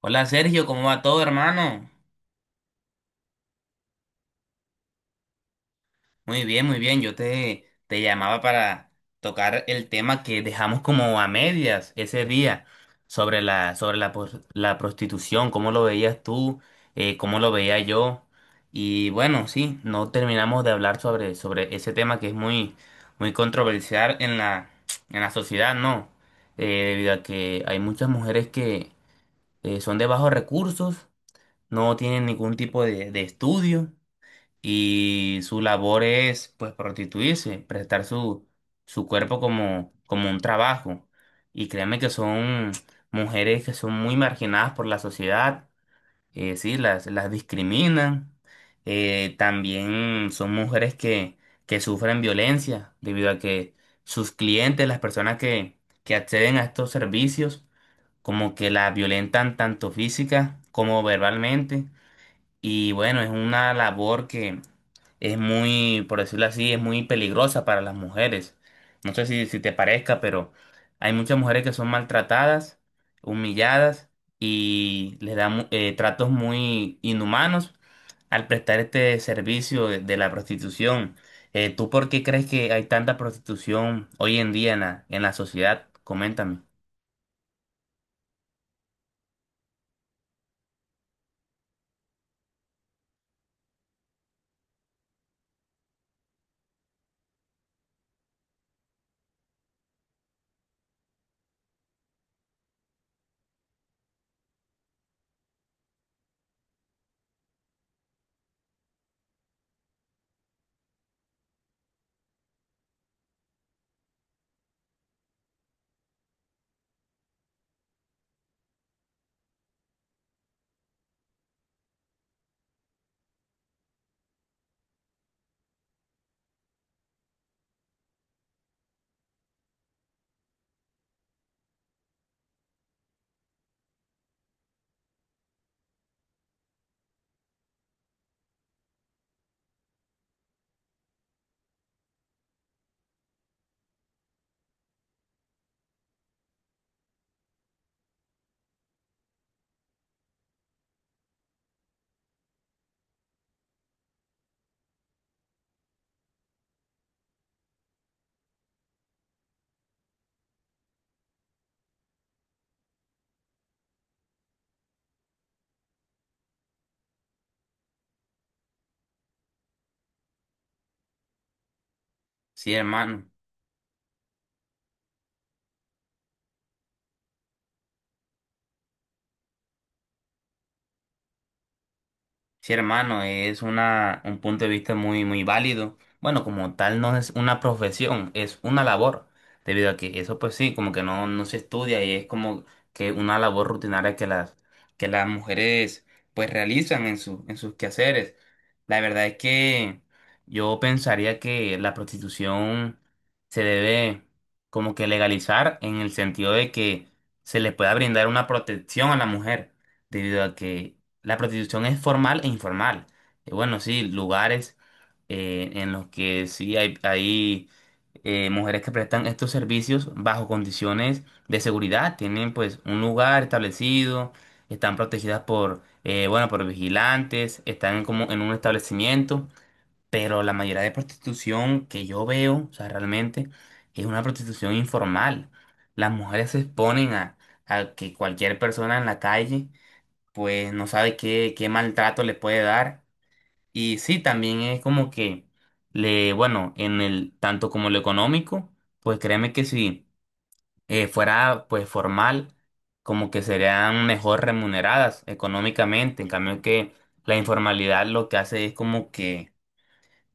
Hola Sergio, ¿cómo va todo, hermano? Muy bien, muy bien. Yo te llamaba para tocar el tema que dejamos como a medias ese día sobre la prostitución, cómo lo veías tú, cómo lo veía yo. Y bueno, sí, no terminamos de hablar sobre ese tema que es muy controversial en en la sociedad, ¿no? Eh, Debido a que hay muchas mujeres que son de bajos recursos, no tienen ningún tipo de estudio y su labor es pues prostituirse, prestar su cuerpo como un trabajo. Y créanme que son mujeres que son muy marginadas por la sociedad, sí, las discriminan. También son mujeres que sufren violencia debido a que sus clientes, las personas que acceden a estos servicios, como que la violentan tanto física como verbalmente. Y bueno, es una labor que es muy, por decirlo así, es muy peligrosa para las mujeres. No sé si te parezca, pero hay muchas mujeres que son maltratadas, humilladas y les dan tratos muy inhumanos al prestar este servicio de la prostitución. ¿Tú por qué crees que hay tanta prostitución hoy en día en en la sociedad? Coméntame. Sí, hermano. Sí, hermano, es un punto de vista muy válido. Bueno, como tal no es una profesión, es una labor, debido a que eso pues sí, como que no se estudia y es como que una labor rutinaria que que las mujeres pues realizan en en sus quehaceres. La verdad es que yo pensaría que la prostitución se debe como que legalizar en el sentido de que se le pueda brindar una protección a la mujer, debido a que la prostitución es formal e informal. Bueno, sí, lugares en los que sí hay mujeres que prestan estos servicios bajo condiciones de seguridad. Tienen pues un lugar establecido, están protegidas por, bueno, por vigilantes, están como en un establecimiento, pero la mayoría de prostitución que yo veo, o sea, realmente es una prostitución informal. Las mujeres se exponen a que cualquier persona en la calle pues no sabe qué maltrato le puede dar. Y sí, también es como que le, bueno, en el tanto como lo económico, pues créeme que si fuera pues formal, como que serían mejor remuneradas económicamente. En cambio que la informalidad lo que hace es como que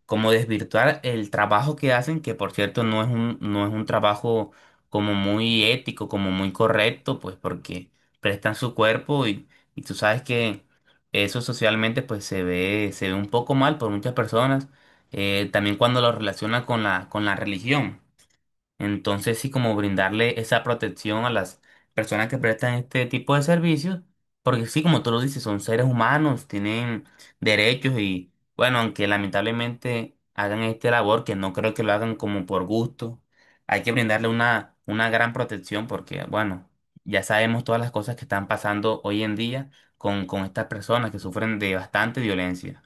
como desvirtuar el trabajo que hacen, que por cierto no es un trabajo como muy ético, como muy correcto, pues porque prestan su cuerpo y tú sabes que eso socialmente pues se ve un poco mal por muchas personas, también cuando lo relaciona con con la religión. Entonces, sí, como brindarle esa protección a las personas que prestan este tipo de servicios, porque sí, como tú lo dices, son seres humanos, tienen derechos y, bueno, aunque lamentablemente hagan esta labor, que no creo que lo hagan como por gusto, hay que brindarle una gran protección porque, bueno, ya sabemos todas las cosas que están pasando hoy en día con estas personas que sufren de bastante violencia.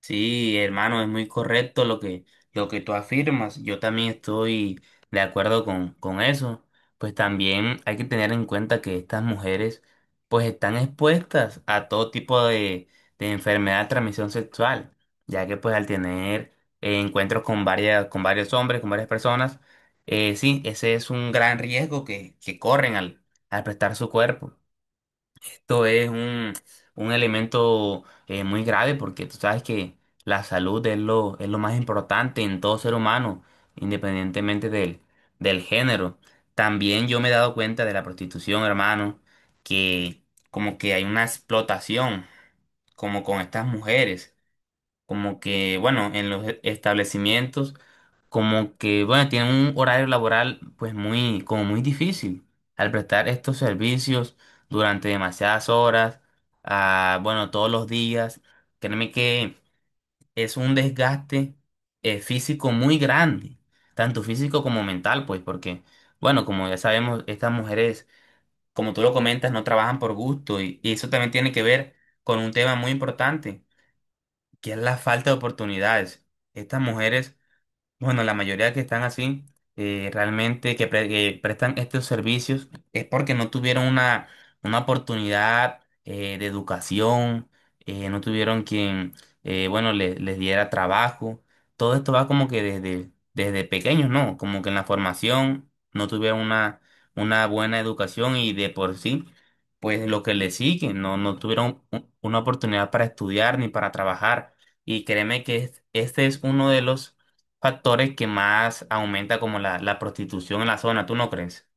Sí, hermano, es muy correcto lo que tú afirmas. Yo también estoy de acuerdo con eso. Pues también hay que tener en cuenta que estas mujeres pues están expuestas a todo tipo de enfermedad de transmisión sexual, ya que pues al tener encuentros con con varios hombres, con varias personas, sí, ese es un gran riesgo que corren al prestar su cuerpo. Esto es un elemento muy grave porque tú sabes que la salud es es lo más importante en todo ser humano, independientemente del género. También yo me he dado cuenta de la prostitución, hermano, que como que hay una explotación, como con estas mujeres, como que, bueno, en los establecimientos como que, bueno, tienen un horario laboral pues muy, como muy difícil al prestar estos servicios durante demasiadas horas, ah, bueno, todos los días. Créeme que es un desgaste físico muy grande, tanto físico como mental, pues, porque, bueno, como ya sabemos, estas mujeres, como tú lo comentas, no trabajan por gusto y eso también tiene que ver con un tema muy importante, que es la falta de oportunidades. Estas mujeres bueno, la mayoría que están así, realmente que prestan estos servicios es porque no tuvieron una oportunidad de educación, no tuvieron quien, bueno, les diera trabajo. Todo esto va como que desde pequeños, ¿no? Como que en la formación no tuvieron una buena educación y de por sí, pues lo que les sigue, no, no tuvieron una oportunidad para estudiar ni para trabajar. Y créeme que este es uno de los factores que más aumenta como la prostitución en la zona, ¿tú no crees?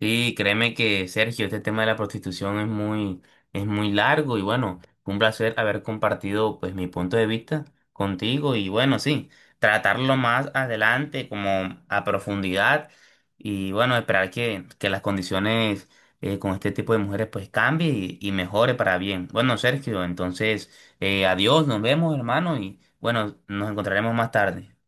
Sí, créeme que Sergio, este tema de la prostitución es muy largo y bueno, fue un placer haber compartido pues mi punto de vista contigo y bueno, sí, tratarlo más adelante como a profundidad y bueno, esperar que las condiciones con este tipo de mujeres pues cambie y mejore para bien. Bueno, Sergio, entonces, adiós, nos vemos hermano y bueno, nos encontraremos más tarde.